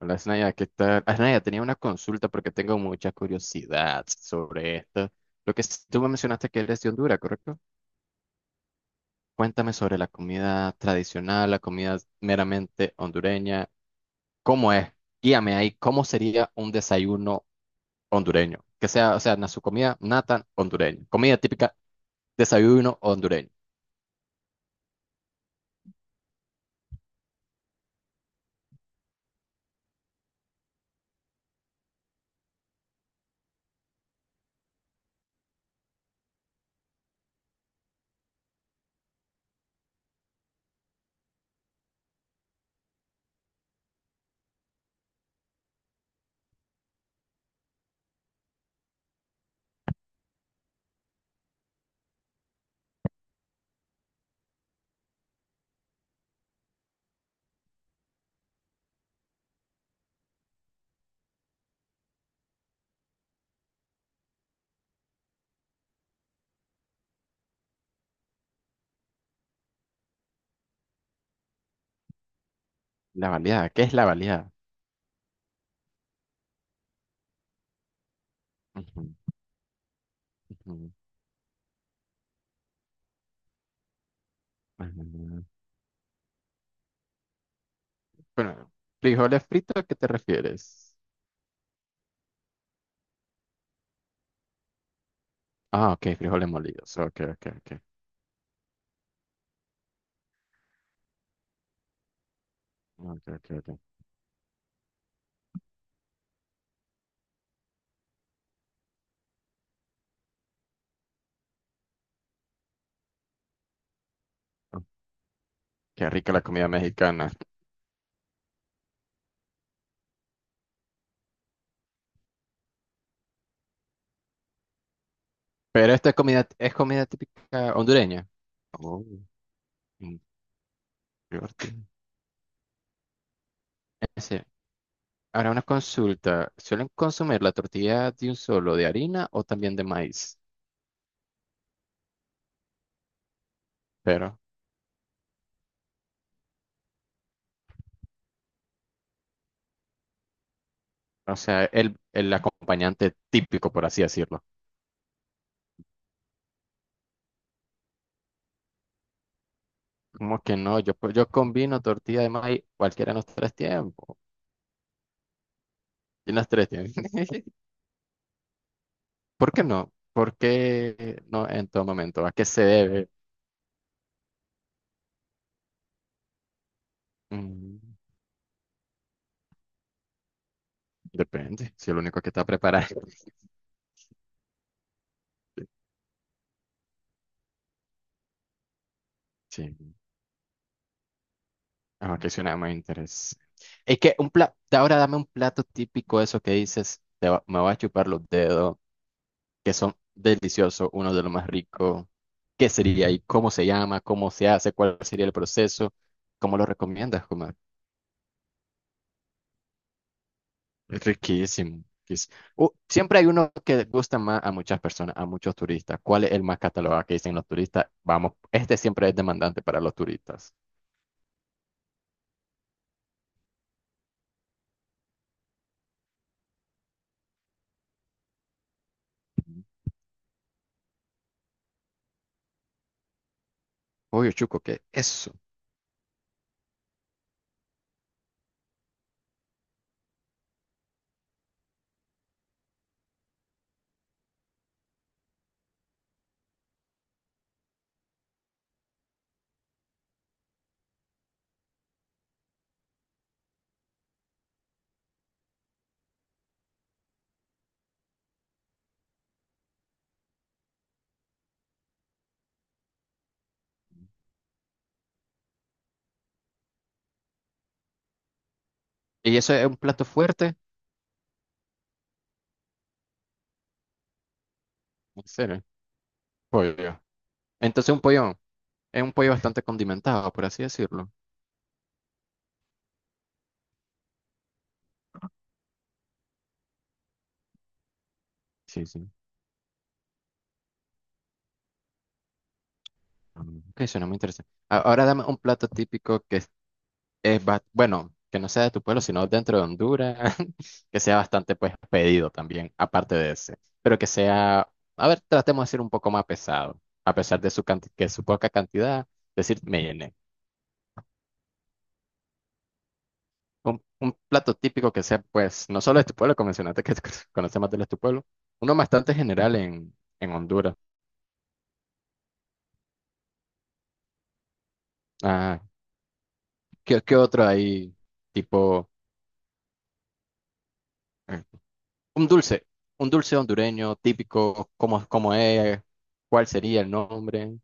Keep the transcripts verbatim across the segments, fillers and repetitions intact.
Hola, Snaya, ¿qué tal? Ah, Snaya, tenía una consulta porque tengo mucha curiosidad sobre esto. Lo que s- tú me mencionaste que eres de Honduras, ¿correcto? Cuéntame sobre la comida tradicional, la comida meramente hondureña. ¿Cómo es? Guíame ahí, ¿cómo sería un desayuno hondureño? Que sea, o sea, na- su comida nata hondureña. Comida típica, desayuno hondureño. La baleada, ¿qué es la baleada? Ujú, ujú, ujú. Bueno, frijoles fritos, ¿a qué te refieres? Ah, ok, frijoles molidos. Ok, ok, ok. Ok, ok, ok. Oh, qué rica la comida mexicana. Pero esta es comida, es comida típica hondureña. Oh, mm, qué fuerte. Ese. Ahora una consulta. ¿Suelen consumir la tortilla de un solo de harina o también de maíz? Pero, o sea, el, el acompañante típico, por así decirlo. ¿Cómo que no? Yo, pues, yo combino tortilla de maíz cualquiera en los tres tiempos. En las tres tiempos. ¿Por qué no? ¿Por qué no en todo momento? ¿A qué se debe? Mm, depende, si el único que está preparado. Sí, ah, que suena más interesante. Es que un plato, ahora dame un plato típico, eso que dices, te va- me va a chupar los dedos, que son deliciosos, uno de los más ricos. ¿Qué sería y cómo se llama? ¿Cómo se hace? ¿Cuál sería el proceso? ¿Cómo lo recomiendas, Kumar? Es riquísimo. Riquísimo. Uh, siempre hay uno que gusta más a muchas personas, a muchos turistas. ¿Cuál es el más catalogado que dicen los turistas? Vamos, este siempre es demandante para los turistas. Ujú. Pollo chuco, ¿qué es eso? ¿Y eso es un plato fuerte? ¿En serio? Pollo. Entonces un pollo, es un pollo bastante condimentado, por así decirlo. Sí, sí. Mm. Ok, suena muy interesante. A- Ahora dame un plato típico que es ba- bueno, que no sea de tu pueblo, sino dentro de Honduras, que sea bastante pues pedido también, aparte de ese, pero que sea, a ver, tratemos de ser un poco más pesado, a pesar de su canti- que su poca cantidad, decir, me llené. Un, un plato típico que sea pues, no solo de tu pueblo, como mencionaste que conoce más de los tu pueblo, uno bastante general en, en Honduras. Ah, ¿qué, qué otro hay? Tipo, eh, un dulce, un dulce hondureño típico, ¿cómo, cómo es? ¿Cuál sería el nombre?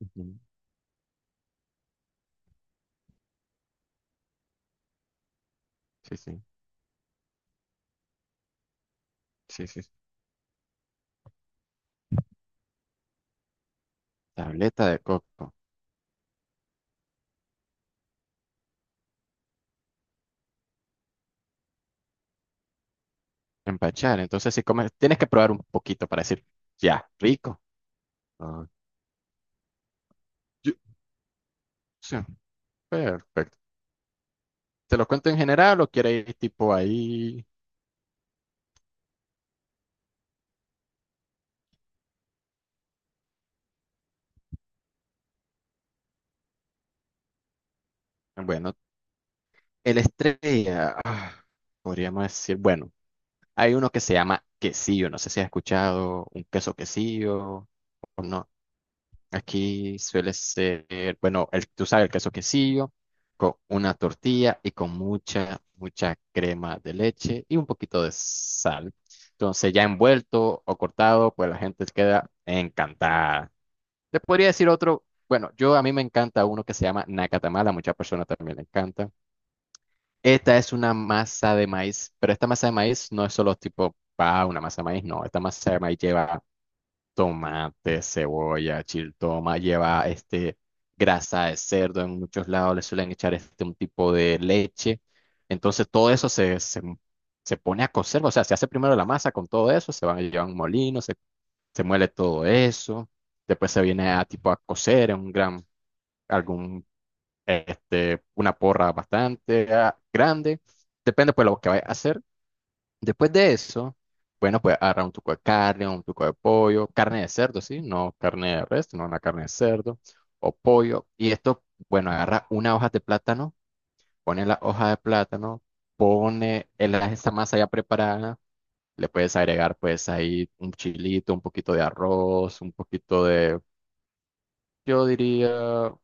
Ujú. Sí, sí, sí, sí. Tableta de coco. Empachar. Entonces, si comes, tienes que probar un poquito para decir, ya, rico. Ah, yo- sí, perfecto. ¿Te lo cuento en general o quieres ir tipo ahí? Bueno, el estrella, ah, podríamos decir, bueno. Hay uno que se llama quesillo, no sé si has escuchado un queso quesillo o no. Aquí suele ser, bueno, el, tú sabes, el queso quesillo con una tortilla y con mucha, mucha crema de leche y un poquito de sal. Entonces, ya envuelto o cortado, pues la gente queda encantada. Te podría decir otro, bueno, yo a mí me encanta uno que se llama nacatamala, a muchas personas también le encanta. Esta es una masa de maíz, pero esta masa de maíz no es solo tipo, ah, una masa de maíz, no. Esta masa de maíz lleva tomate, cebolla, chiltoma, lleva este grasa de cerdo. En muchos lados le suelen echar este un tipo de leche. Entonces todo eso se, se, se pone a cocer, o sea, se hace primero la masa con todo eso, se van a llevar a un molino, se, se muele todo eso. Después se viene a tipo a cocer en un gran, algún este, una porra bastante ah, grande, depende pues lo que vayas a hacer. Después de eso, bueno, pues agarrar un tuco de carne, un tuco de pollo, carne de cerdo, sí, no carne de res, no una carne de cerdo o pollo. Y esto, bueno, agarra una hoja de plátano, pone la hoja de plátano, pone el- esa masa ya preparada, le puedes agregar pues ahí un chilito, un poquito de arroz, un poquito de yo diría,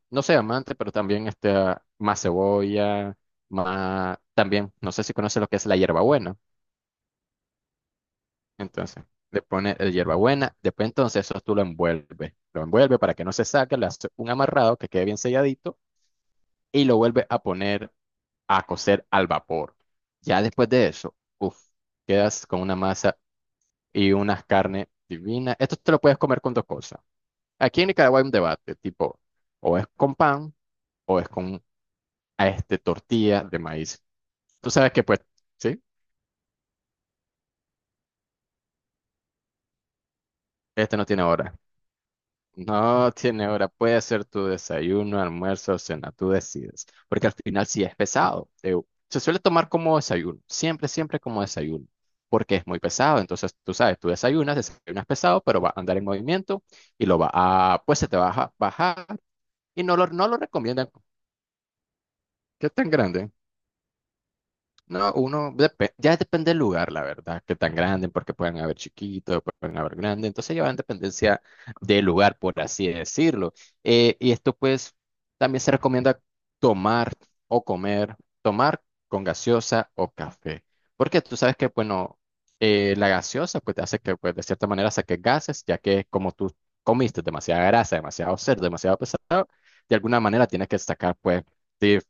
no sé, amante, pero también este, más cebolla, más, también, no sé si conoces lo que es la hierbabuena. Entonces, le pones el hierbabuena, después entonces eso tú lo envuelves, lo envuelves para que no se saque, le haces un amarrado que quede bien selladito y lo vuelves a poner a cocer al vapor. Ya después de eso, uff, quedas con una masa y unas carnes divinas. Esto te lo puedes comer con dos cosas. Aquí en Nicaragua hay un debate, tipo, o es con pan, o es con a este tortilla de maíz. Tú sabes que pues, ¿sí? Este no tiene hora. No tiene hora. Puede ser tu desayuno, almuerzo o cena, tú decides. Porque al final sí es pesado. Eh, se suele tomar como desayuno, siempre, siempre como desayuno. Porque es muy pesado. Entonces, tú sabes, tú desayunas, desayunas pesado, pero va a andar en movimiento y lo va a, pues se te va a bajar y no lo, no lo recomiendan. ¿Qué tan grande? No, uno dep- ya depende del lugar, la verdad, que tan grande, porque pueden haber chiquitos, pueden haber grandes, entonces ya va en dependencia del lugar, por así decirlo. Eh, y esto pues también se recomienda tomar o comer, tomar con gaseosa o café, porque tú sabes que, bueno, eh, la gaseosa pues te hace que pues, de cierta manera saques gases, ya que como tú comiste demasiada grasa, demasiado cerdo, demasiado pesado, de alguna manera tienes que sacar pues, de-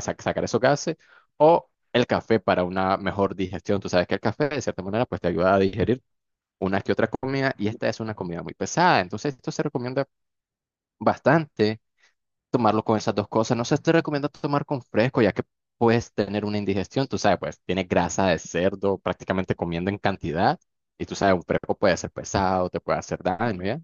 sa- sacar esos gases. O el café para una mejor digestión. Tú sabes que el café, de cierta manera, pues te ayuda a digerir una que otra comida y esta es una comida muy pesada. Entonces, esto se recomienda bastante tomarlo con esas dos cosas. No se te recomienda tomar con fresco, ya que puedes tener una indigestión. Tú sabes, pues tiene grasa de cerdo prácticamente comiendo en cantidad. Y tú sabes, un fresco puede ser pesado, te puede hacer daño, ¿ya?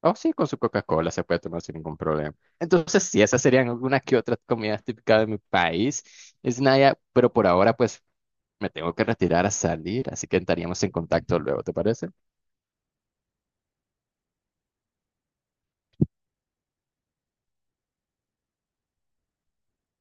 O sí, con su Coca-Cola se puede tomar sin ningún problema. Entonces, sí, esas serían algunas que otras comidas típicas de mi país. Es Naya, pero por ahora, pues me tengo que retirar a salir, así que estaríamos en contacto luego, ¿te parece?